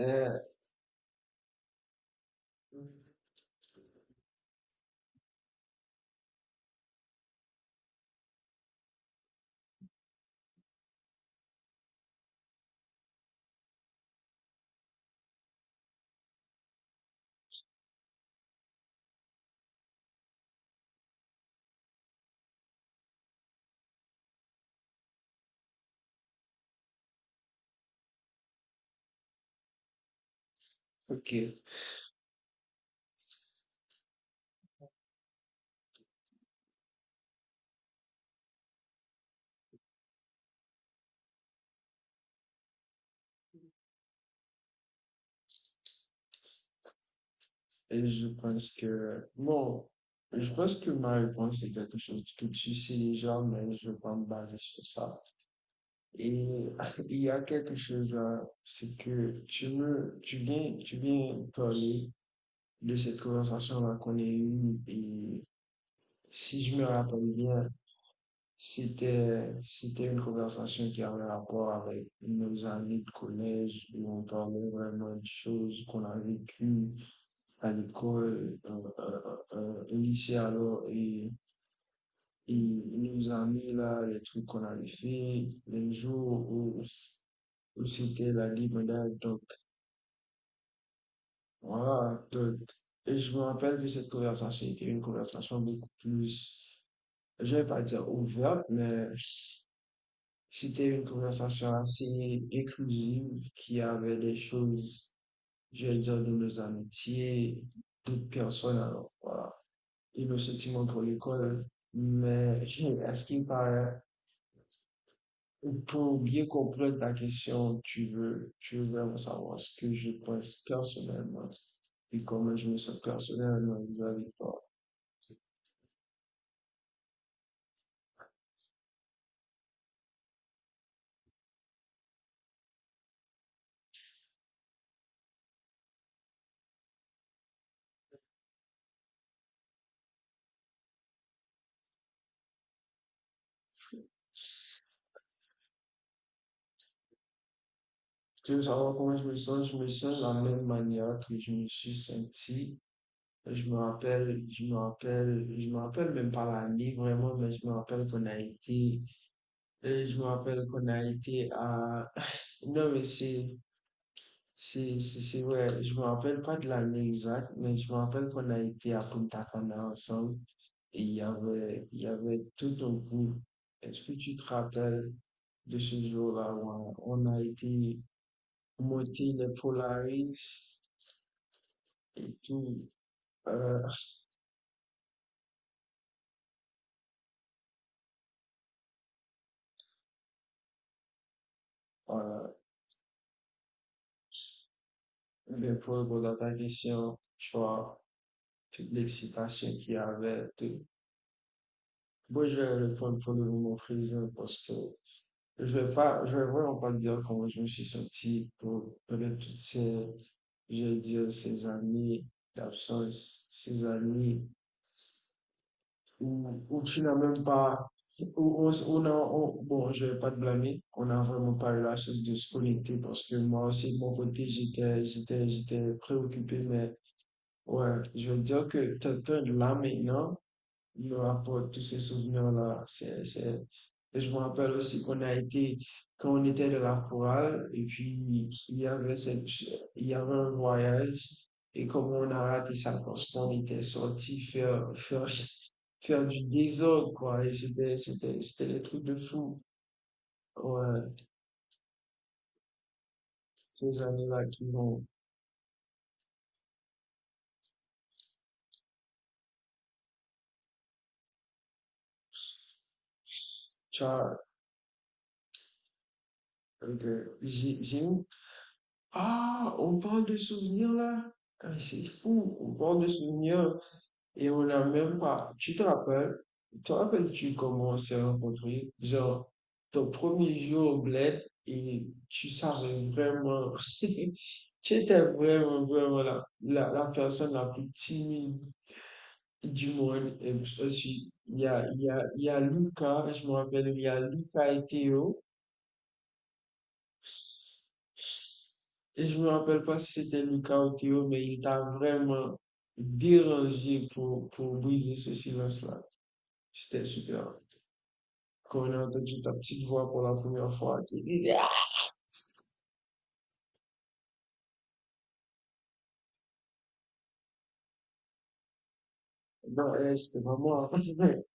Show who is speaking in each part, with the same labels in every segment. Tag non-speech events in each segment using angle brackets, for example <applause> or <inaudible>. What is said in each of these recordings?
Speaker 1: Euh, OK. Je pense que, bon, je pense que ma réponse est quelque chose que tu sais déjà, mais je vais pas me baser sur ça. Et <laughs> il y a quelque chose là, c'est que tu viens parler de cette conversation-là qu'on a eue, et si je me rappelle bien, c'était une conversation qui avait rapport avec nos années de collège, où on parlait vraiment de choses qu'on a vécues à l'école, au lycée alors, et il nous a mis là les trucs qu'on avait fait, les jours où c'était la limonade, donc voilà. Et je me rappelle que cette conversation était une conversation beaucoup plus, je vais pas dire ouverte, mais c'était une conversation assez inclusive qui avait des choses, je vais dire, de nos amitiés, d'autres personnes alors, voilà. E no sentiment pour l'école, mais à ce qui me paraît, pour bien comprendre ta question, tu veux vraiment savoir ce que je pense personnellement et comment je me sens personnellement vis-à-vis de toi. Tu veux savoir comment je me sens? Je me sens de la même manière que je me suis senti. Je me rappelle même pas l'année vraiment, mais je me rappelle qu'on a été, je me rappelle qu'on a été à, <laughs> non mais c'est vrai, je me rappelle pas de l'année exacte, mais je me rappelle qu'on a été à Punta Cana ensemble et il y avait tout un groupe. Est-ce que tu te rappelles de ce jour-là où on a été monter les Polaris et tout? euh, <laughs> le propos dans ta question, tu vois, toute l'excitation qu'il y avait, tout. Moi, je vais répondre pour le moment présent parce que je vais vraiment pas te dire comment je me suis senti pour toutes ces, je vais dire, ces années d'absence, ces années où, où tu n'as même pas, où bon, je vais pas te blâmer, on n'a vraiment pas eu la chance de se connecter parce que moi aussi, de mon côté, j'étais préoccupé, mais ouais, je veux dire que quelqu'un de là maintenant me rapporte tous ces souvenirs-là. C'est... Je me rappelle aussi qu'on a été, quand on était de la chorale, et puis il y avait cette, il y avait un voyage, et comment on a raté ça parce qu'on était sorti faire du désordre, quoi. Et c'était des trucs de fou. Ouais, ces années-là qui vont. Tu vois, donc, j'ai eu... Ah, on parle de souvenirs là? Ah, mais c'est fou, on parle de souvenirs et on n'a même pas. Tu te rappelles? Te rappelles-tu comment on s'est rencontrés? Genre, ton premier jour au bled et tu savais vraiment. <laughs> Tu étais vraiment, vraiment la personne la plus timide du monde. Et je suis, il y a Lucas, je me rappelle, il y a Lucas et Théo. Et je me rappelle pas si c'était Lucas ou Théo, mais il t'a vraiment dérangé pour briser ce silence-là. C'était super. Quand on a entendu ta petite voix pour la première fois qui disait ah! Non, elle, c'était pas moi. <laughs>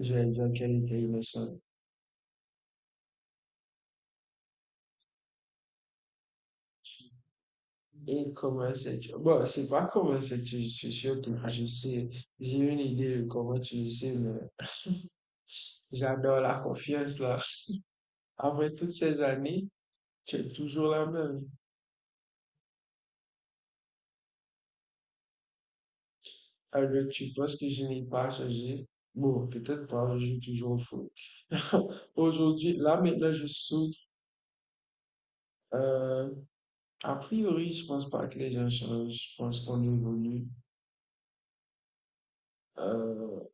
Speaker 1: Je vais dire qu'elle était innocente. Et comment sais-tu? Bon, c'est pas comment sais-tu, je suis sûr que je sais. J'ai une idée de comment tu le sais, mais j'adore la confiance là. Après toutes ces années, tu es toujours la même. Alors, tu penses que je n'ai pas changé? Bon, peut-être pas, je joue toujours au foot. <laughs> Aujourd'hui, là maintenant, je saute. Euh, <laughs> A priori, je pense pas que les gens changent. Je pense qu'on évolue. Euh,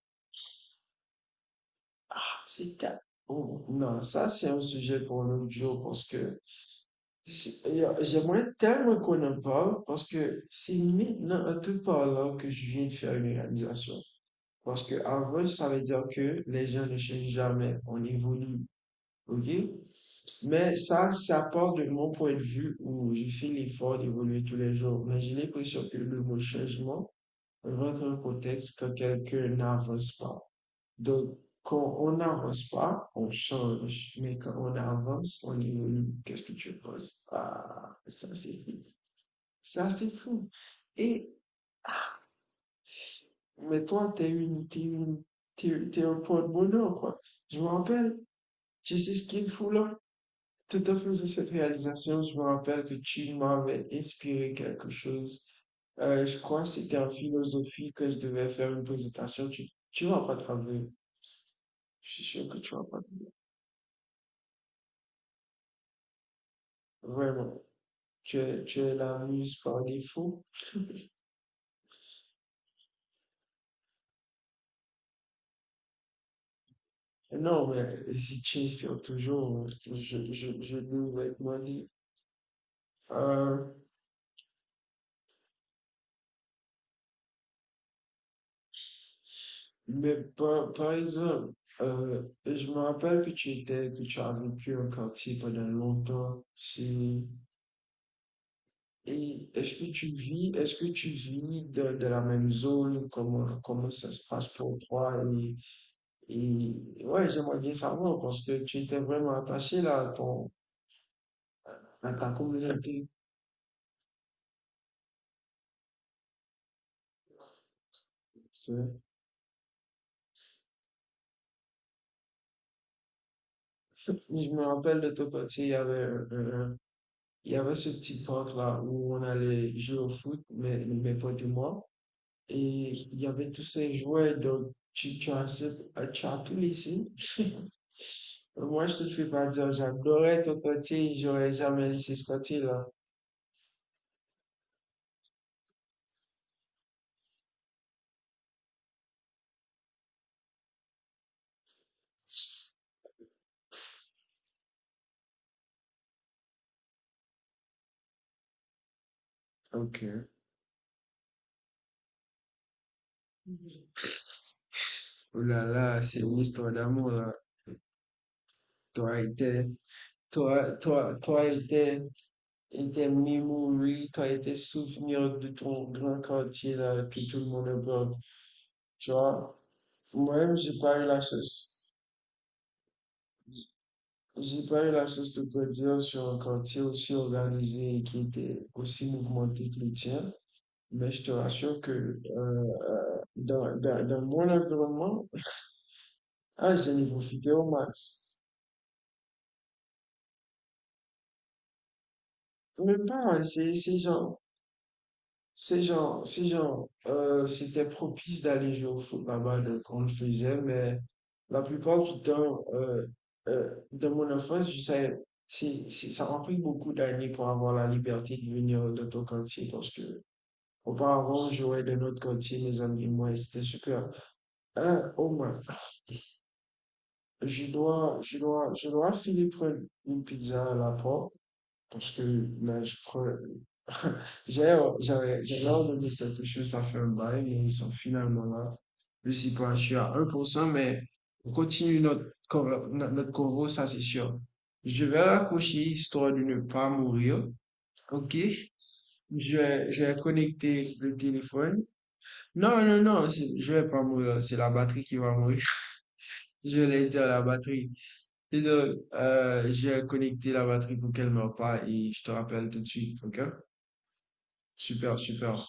Speaker 1: c'est ta-... Oh, non, ça, c'est un sujet pour l'autre jour parce que j'aimerais tellement qu'on en parle parce que c'est maintenant en te parlant que je viens de faire une réalisation. Parce que avant, ça veut dire que les gens ne changent jamais. On évolue. OK? Mais ça part de mon point de vue où je fais l'effort d'évoluer tous les jours. Mais j'ai l'impression que le mot changement rentre en contexte quand quelqu'un n'avance pas. Donc, quand on n'avance pas, on change. Mais quand on avance, on évolue. Qu'est-ce que tu penses? Ah, ça c'est fou. Ça c'est fou. Et, mais toi, t'es un point de bonheur, quoi. Je me rappelle, tu sais ce qu'il faut là? Tout à fait, c'est cette réalisation, je me rappelle que tu m'avais inspiré quelque chose. Je crois que c'était en philosophie que je devais faire une présentation. Tu vas pas travailler. Je suis sûr que tu vas pas. Vraiment. Tu es la muse par défaut. Non, mais si tu inspires toujours, je nous vais te demander. Euh, Par exemple, je me rappelle que tu étais, que tu as vécu un quartier pendant longtemps. C'est... Et est-ce que tu vis, est-ce que tu vis de la même zone? Comment ça se passe pour toi? Et ouais, j'aimerais bien savoir parce que tu étais vraiment attaché là à ton, à ta communauté. Parce que... Je me rappelle de ton côté, il y avait, il y avait ce petit parc là où on allait jouer au foot, mes potes et moi. Et il y avait tous ces jouets, donc tu as tout laissé. <laughs> Moi, je te fais pas dire, j'adorais ton côté, j'aurais jamais laissé ce côté-là. OK. Oh là là, c'est une histoire d'amour, là. Toi et tes, Toi et tes memories, toi et tes souvenirs de ton grand quartier, là, que tout le monde aime. Tu vois, moi-même, j'ai pas eu la chance. J'ai pas eu la chance de grandir sur un quartier aussi organisé et qui était aussi mouvementé que le tien. Mais je te rassure que euh, dans mon environnement, ah, j'en ai profité au max. Mais pareil, c'est genre, c'était propice d'aller jouer au foot là-bas, donc on le faisait, mais la plupart du temps, dans mon enfance, je savais, ça m'a pris beaucoup d'années pour avoir la liberté de venir dans ton quartier parce que auparavant, on jouait dans notre quartier, mes amis et moi, et c'était super. Un, au moins. Je dois finir prendre une pizza à la porte parce que là, je crois, j'avais ordonné quelque chose, ça fait un bail, mais ils sont finalement là. Je sais pas, je suis à 1%, mais on continue notre corps, ça c'est sûr. Je vais raccrocher histoire de ne pas mourir. OK? Je vais connecter le téléphone. Non, non, non, c'est- je vais pas mourir, c'est la batterie qui va mourir. <laughs> Je l'ai dit à la batterie. Et donc, j'ai connecté la batterie pour qu'elle ne meure pas et je te rappelle tout de suite, OK? Super, super.